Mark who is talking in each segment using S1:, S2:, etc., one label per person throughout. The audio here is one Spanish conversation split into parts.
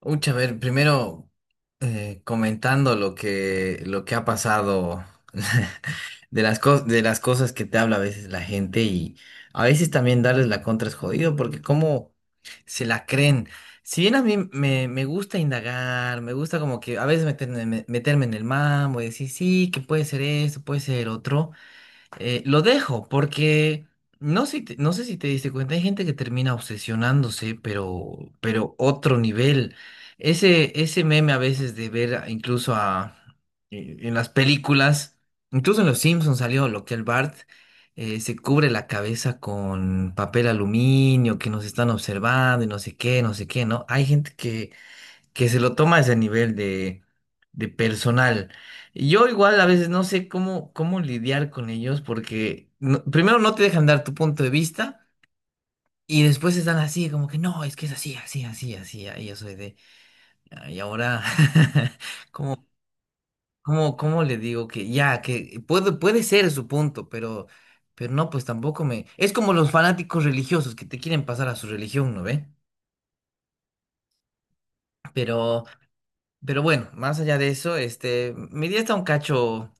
S1: Ucha, a ver, primero comentando lo que ha pasado, de las de las cosas que te habla a veces la gente y a veces también darles la contra es jodido porque cómo se la creen. Si bien a me gusta indagar, me gusta como que a veces meterme, meterme en el mambo y decir, sí, que puede ser esto, puede ser otro lo dejo porque no sé, no sé si te diste cuenta, hay gente que termina obsesionándose, pero otro nivel. Ese meme a veces de ver incluso en las películas, incluso en Los Simpsons salió lo que el Bart se cubre la cabeza con papel aluminio, que nos están observando y no sé qué, no sé qué, ¿no? Hay gente que se lo toma a ese nivel de personal. Yo igual a veces no sé cómo, cómo lidiar con ellos porque primero no te dejan dar tu punto de vista y después están así como que no, es que es así, así, así, así. Y yo soy de, "Ah, y ahora, ¿cómo, cómo, cómo le digo que ya, que puede, puede ser su punto, pero no, pues tampoco me... Es como los fanáticos religiosos que te quieren pasar a su religión, ¿no ve? Pero... Pero bueno, más allá de eso, este, mi día está un cacho.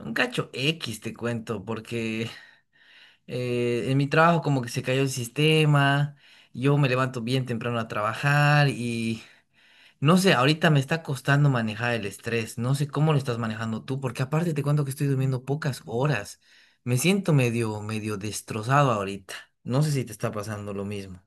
S1: Un cacho X, te cuento, porque en mi trabajo como que se cayó el sistema, yo me levanto bien temprano a trabajar y no sé, ahorita me está costando manejar el estrés, no sé cómo lo estás manejando tú, porque aparte te cuento que estoy durmiendo pocas horas, me siento medio, medio destrozado ahorita, no sé si te está pasando lo mismo.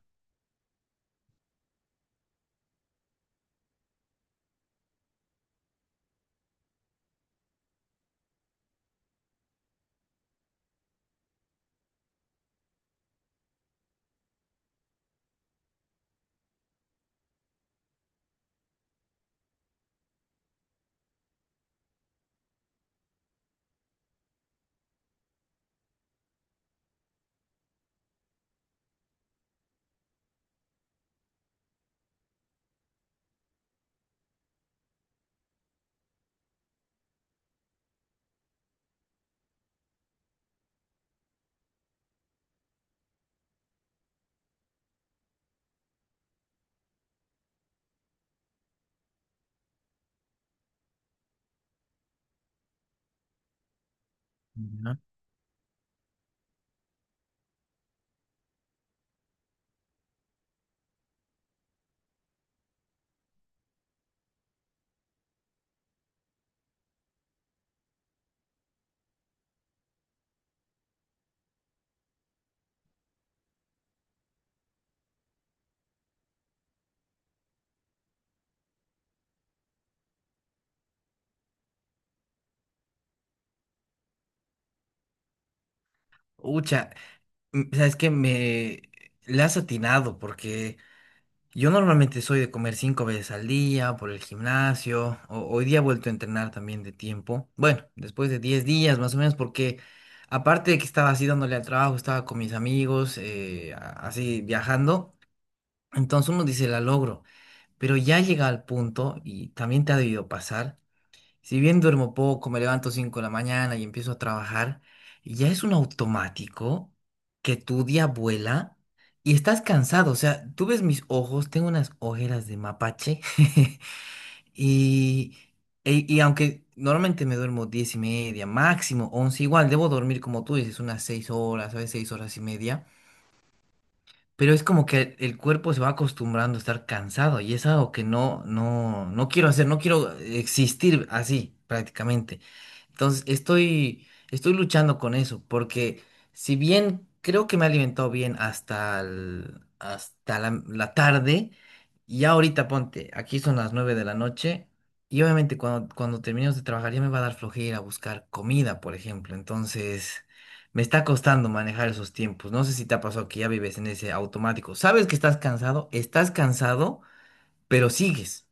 S1: Ya. Ucha, sabes que me le has atinado porque yo normalmente soy de comer 5 veces al día por el gimnasio. Hoy día he vuelto a entrenar también de tiempo. Bueno, después de 10 días más o menos, porque aparte de que estaba así dándole al trabajo, estaba con mis amigos, así viajando. Entonces uno dice, la logro. Pero ya llega al punto, y también te ha debido pasar, si bien duermo poco, me levanto 5 de la mañana y empiezo a trabajar, ya es un automático que tu día vuela y estás cansado. O sea, tú ves mis ojos, tengo unas ojeras de mapache. y, y aunque normalmente me duermo 10 y media, máximo 11, igual debo dormir como tú dices, unas 6 horas, a veces 6 horas y media. Pero es como que el cuerpo se va acostumbrando a estar cansado y es algo que no, no, no quiero hacer, no quiero existir así prácticamente. Estoy luchando con eso porque si bien creo que me he alimentado bien hasta la tarde, ya ahorita ponte, aquí son las 9 de la noche y obviamente cuando terminemos de trabajar ya me va a dar flojera buscar comida, por ejemplo. Entonces... me está costando manejar esos tiempos. No sé si te ha pasado que ya vives en ese automático. Sabes que estás cansado, pero sigues.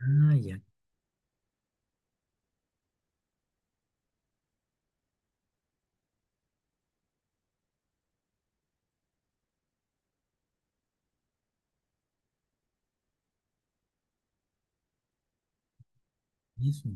S1: Ah, ya, eso.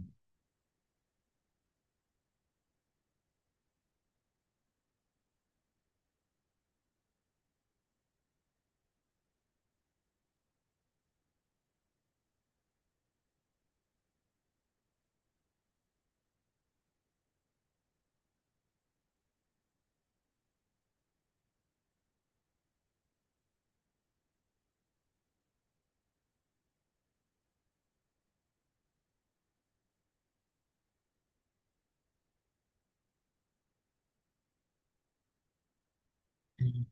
S1: Mm.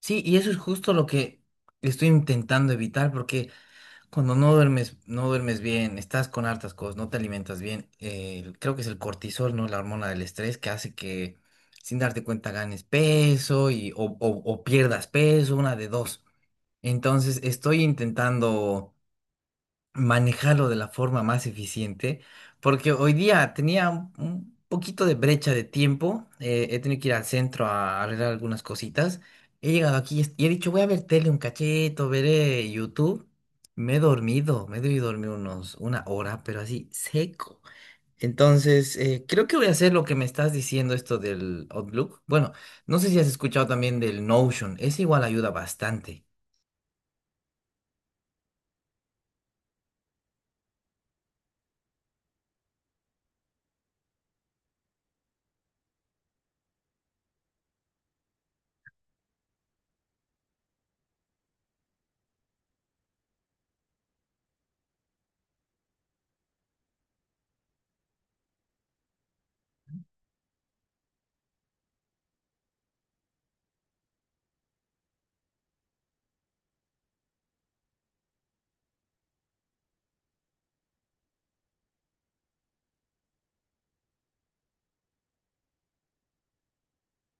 S1: Sí, y eso es justo lo que estoy intentando evitar, porque cuando no duermes, no duermes bien, estás con hartas cosas, no te alimentas bien, creo que es el cortisol, ¿no? La hormona del estrés que hace que sin darte cuenta ganes peso , o pierdas peso, una de dos. Entonces estoy intentando manejarlo de la forma más eficiente, porque hoy día tenía un poquito de brecha de tiempo, he tenido que ir al centro a arreglar algunas cositas, he llegado aquí y he dicho, voy a ver tele un cacheto, veré YouTube, me he dormido, me he debido dormir unos, 1 hora, pero así seco. Entonces, creo que voy a hacer lo que me estás diciendo, esto del Outlook. Bueno, no sé si has escuchado también del Notion, ese igual ayuda bastante.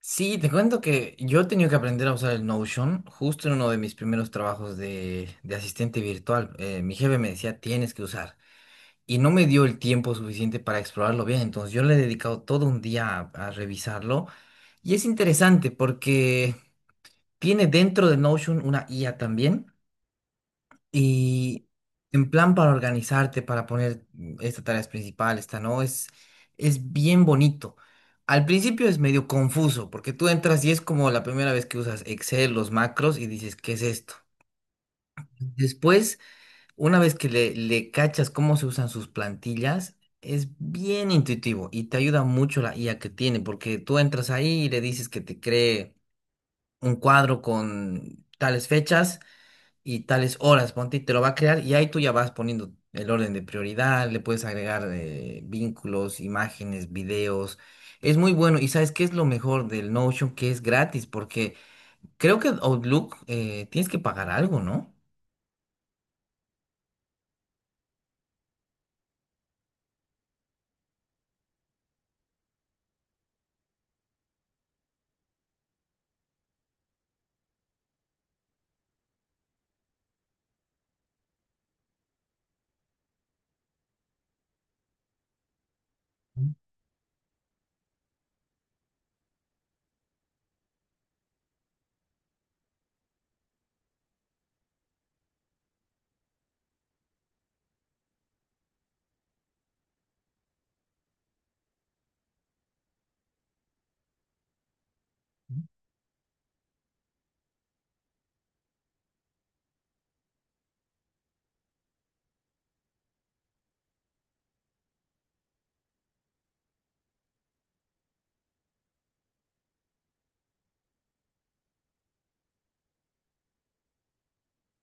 S1: Sí, te cuento que yo he tenido que aprender a usar el Notion justo en uno de mis primeros trabajos de asistente virtual. Mi jefe me decía, tienes que usar. Y no me dio el tiempo suficiente para explorarlo bien, entonces yo le he dedicado todo un día a revisarlo. Y es interesante porque tiene dentro de Notion una IA también. Y en plan para organizarte, para poner esta tarea es principal, esta no, es bien bonito. Al principio es medio confuso, porque tú entras y es como la primera vez que usas Excel, los macros, y dices, ¿qué es esto? Después, una vez que le cachas cómo se usan sus plantillas, es bien intuitivo y te ayuda mucho la IA que tiene, porque tú entras ahí y le dices que te cree un cuadro con tales fechas y tales horas, ponte, y te lo va a crear y ahí tú ya vas poniendo el orden de prioridad, le puedes agregar vínculos, imágenes, videos. Es muy bueno. Y ¿sabes qué es lo mejor del Notion? Que es gratis porque creo que Outlook tienes que pagar algo, ¿no?